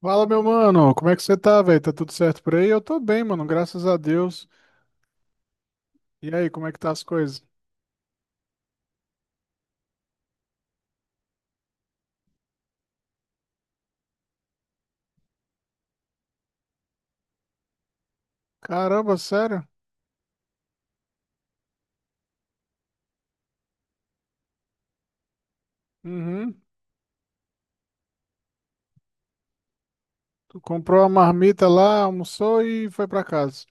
Fala, meu mano, como é que você tá, velho? Tá tudo certo por aí? Eu tô bem, mano, graças a Deus. E aí, como é que tá as coisas? Caramba, sério? Uhum. Tu comprou a marmita lá, almoçou e foi pra casa.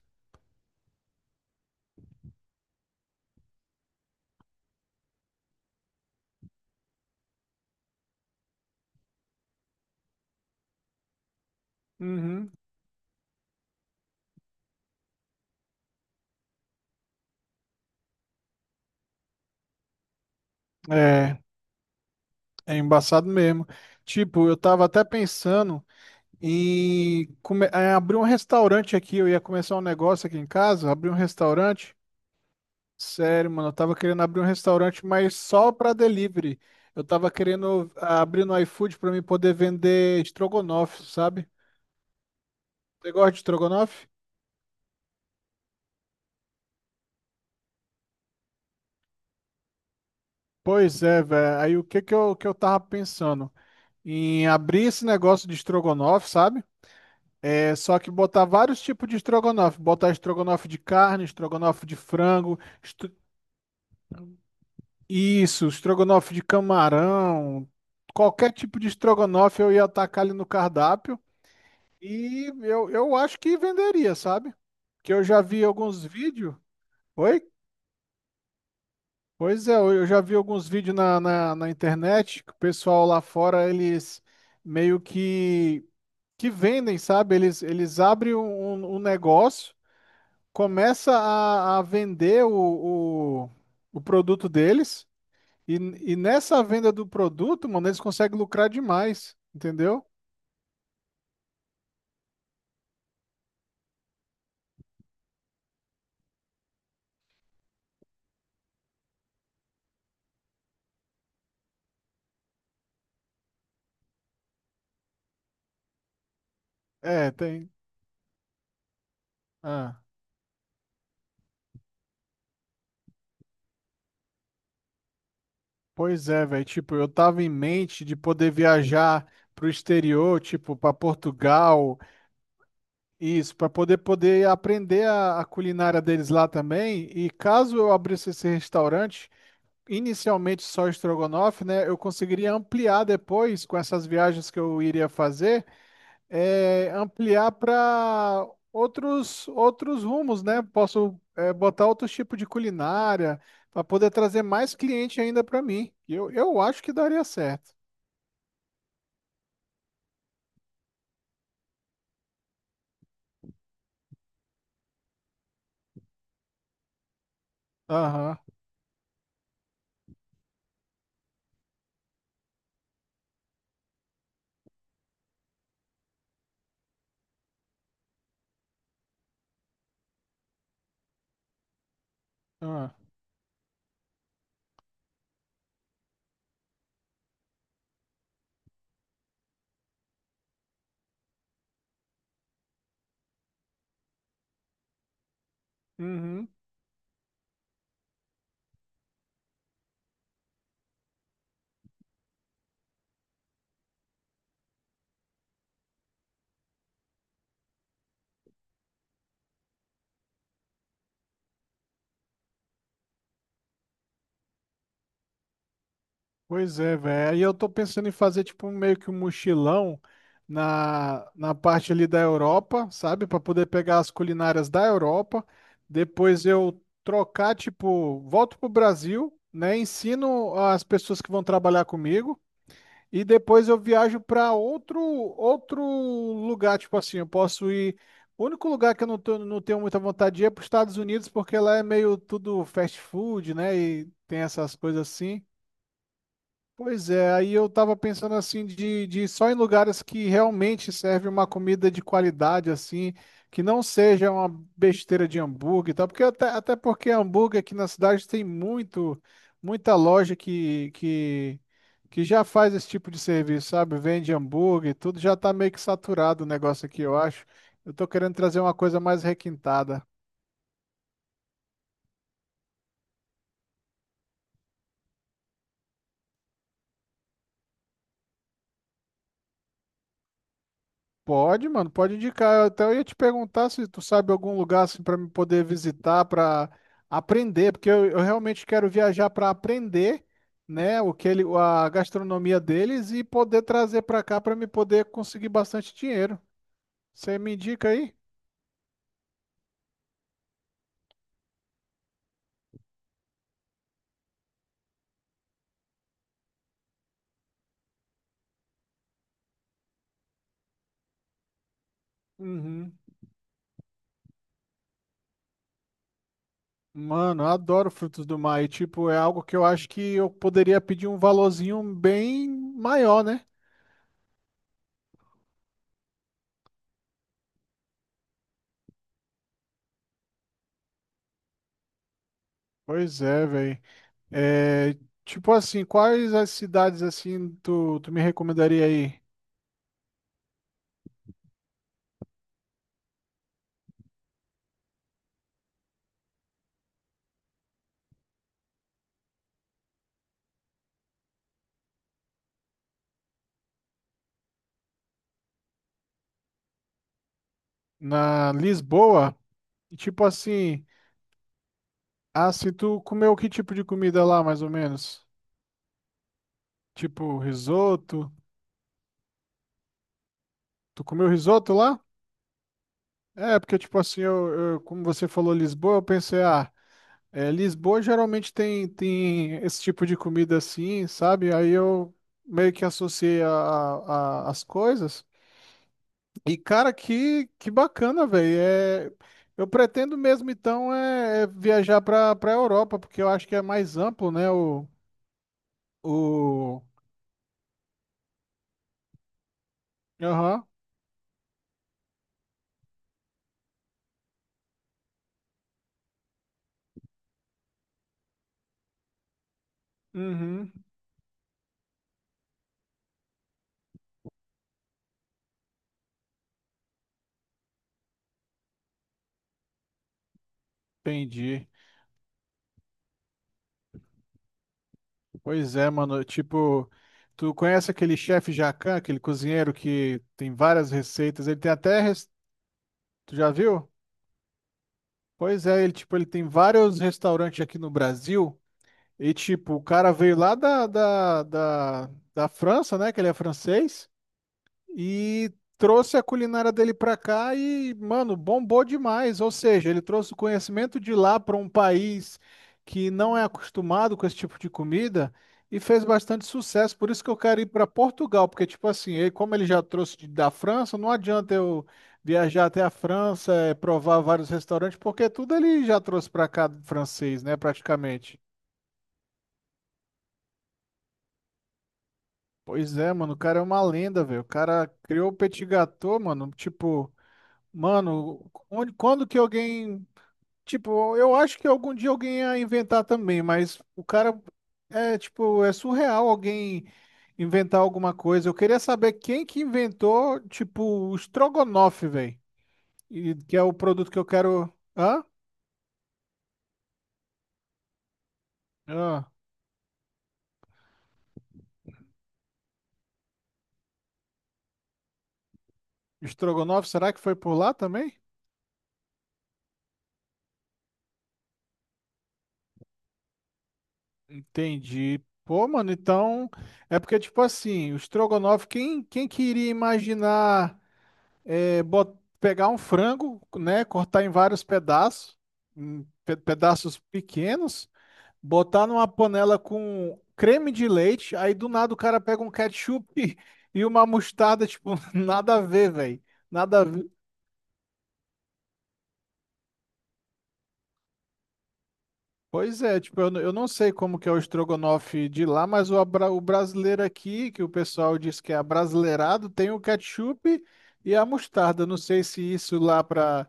Uhum. É, é embaçado mesmo. Tipo, eu tava até pensando em abrir um restaurante aqui. Eu ia começar um negócio aqui em casa, abrir um restaurante. Sério, mano, eu tava querendo abrir um restaurante, mas só pra delivery. Eu tava querendo abrir no iFood pra mim poder vender estrogonofe, sabe? Você gosta de estrogonofe? Pois é, velho. Aí o que que eu tava pensando? Em abrir esse negócio de estrogonofe, sabe? É só que botar vários tipos de estrogonofe. Botar estrogonofe de carne, estrogonofe de frango, isso, estrogonofe de camarão. Qualquer tipo de estrogonofe eu ia atacar ali no cardápio. E eu acho que venderia, sabe? Que eu já vi alguns vídeos. Oi? Pois é, eu já vi alguns vídeos na internet que o pessoal lá fora, eles meio que vendem, sabe? Eles abrem um negócio, começa a vender o produto deles, e, e nessa venda do produto, mano, eles conseguem lucrar demais, entendeu? É, tem. Ah. Pois é, velho. Tipo, eu tava em mente de poder viajar pro exterior, tipo, para Portugal, isso, para poder aprender a culinária deles lá também. E caso eu abrisse esse restaurante, inicialmente só estrogonofe, né? Eu conseguiria ampliar depois com essas viagens que eu iria fazer ampliar para outros rumos, né? Posso botar outros tipos de culinária para poder trazer mais cliente ainda para mim. Eu acho que daria certo. Aham. ah, uhum. Pois é, velho. Aí eu tô pensando em fazer tipo meio que um mochilão na parte ali da Europa, sabe? Para poder pegar as culinárias da Europa. Depois eu trocar, tipo, volto pro Brasil, né? Ensino as pessoas que vão trabalhar comigo. E depois eu viajo para outro lugar, tipo assim, eu posso ir. O único lugar que eu não tenho muita vontade de ir é para os Estados Unidos, porque lá é meio tudo fast food, né? E tem essas coisas assim. Pois é, aí eu tava pensando assim de só em lugares que realmente serve uma comida de qualidade assim, que não seja uma besteira de hambúrguer e tal, porque até porque hambúrguer aqui na cidade tem muito, muita loja que já faz esse tipo de serviço, sabe? Vende hambúrguer, tudo já tá meio que saturado o negócio aqui, eu acho. Eu tô querendo trazer uma coisa mais requintada. Pode, mano, pode indicar. Eu até ia te perguntar se tu sabe algum lugar assim para me poder visitar, para aprender, porque eu realmente quero viajar para aprender, né, o que ele, a gastronomia deles e poder trazer para cá para me poder conseguir bastante dinheiro. Você me indica aí? Uhum. Mano, eu adoro frutos do mar e tipo, é algo que eu acho que eu poderia pedir um valorzinho bem maior, né? Pois é, velho. É, tipo assim, quais as cidades assim tu me recomendaria aí? Na Lisboa? E, tipo assim, se tu comeu que tipo de comida lá, mais ou menos? Tipo risoto? Tu comeu risoto lá? É, porque tipo assim, como você falou Lisboa, eu pensei, Lisboa geralmente tem esse tipo de comida assim, sabe? Aí eu meio que associei as coisas. E, cara, que bacana, velho. É, eu pretendo mesmo, então, é viajar para Europa, porque eu acho que é mais amplo, né? O... Aham, uhum, entendi. Pois é, mano. Tipo, tu conhece aquele chefe Jacan, aquele cozinheiro que tem várias receitas? Ele tem até. Tu já viu? Pois é, ele, tipo, ele tem vários restaurantes aqui no Brasil. E, tipo, o cara veio lá da França, né? Que ele é francês. E trouxe a culinária dele pra cá e, mano, bombou demais. Ou seja, ele trouxe o conhecimento de lá para um país que não é acostumado com esse tipo de comida e fez bastante sucesso. Por isso que eu quero ir para Portugal, porque, tipo assim, ele, como ele já trouxe da França, não adianta eu viajar até a França, provar vários restaurantes, porque tudo ele já trouxe pra cá francês, né, praticamente. Pois é, mano, o cara é uma lenda, velho. O cara criou o petit gâteau, mano, tipo. Mano, quando que alguém. Tipo, eu acho que algum dia alguém ia inventar também, mas o cara. É, tipo, é surreal alguém inventar alguma coisa. Eu queria saber quem que inventou, tipo, o estrogonofe, velho. E que é o produto que eu quero. Hã? Ah, estrogonofe, será que foi por lá também? Entendi. Pô, mano, então. É porque, tipo assim, o estrogonofe, quem que iria imaginar. Pegar um frango, né, cortar em vários pedaços, em pedaços pequenos, botar numa panela com creme de leite, aí do nada o cara pega um ketchup e uma mostarda, tipo, nada a ver, velho. Nada a ver. Pois é, tipo, eu não sei como que é o estrogonofe de lá, mas o brasileiro aqui, que o pessoal diz que é abrasileirado, tem o ketchup e a mostarda. Não sei se isso lá para.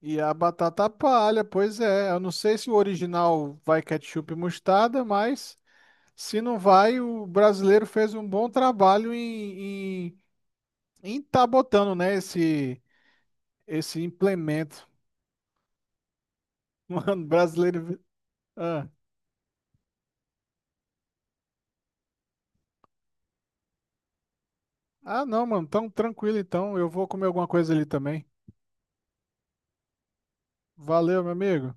E a batata palha, pois é. Eu não sei se o original vai ketchup e mostarda, mas se não vai, o brasileiro fez um bom trabalho em, tá botando, né, esse implemento. Mano, brasileiro. Ah, ah, não, mano, tão tranquilo então. Eu vou comer alguma coisa ali também. Valeu, meu amigo.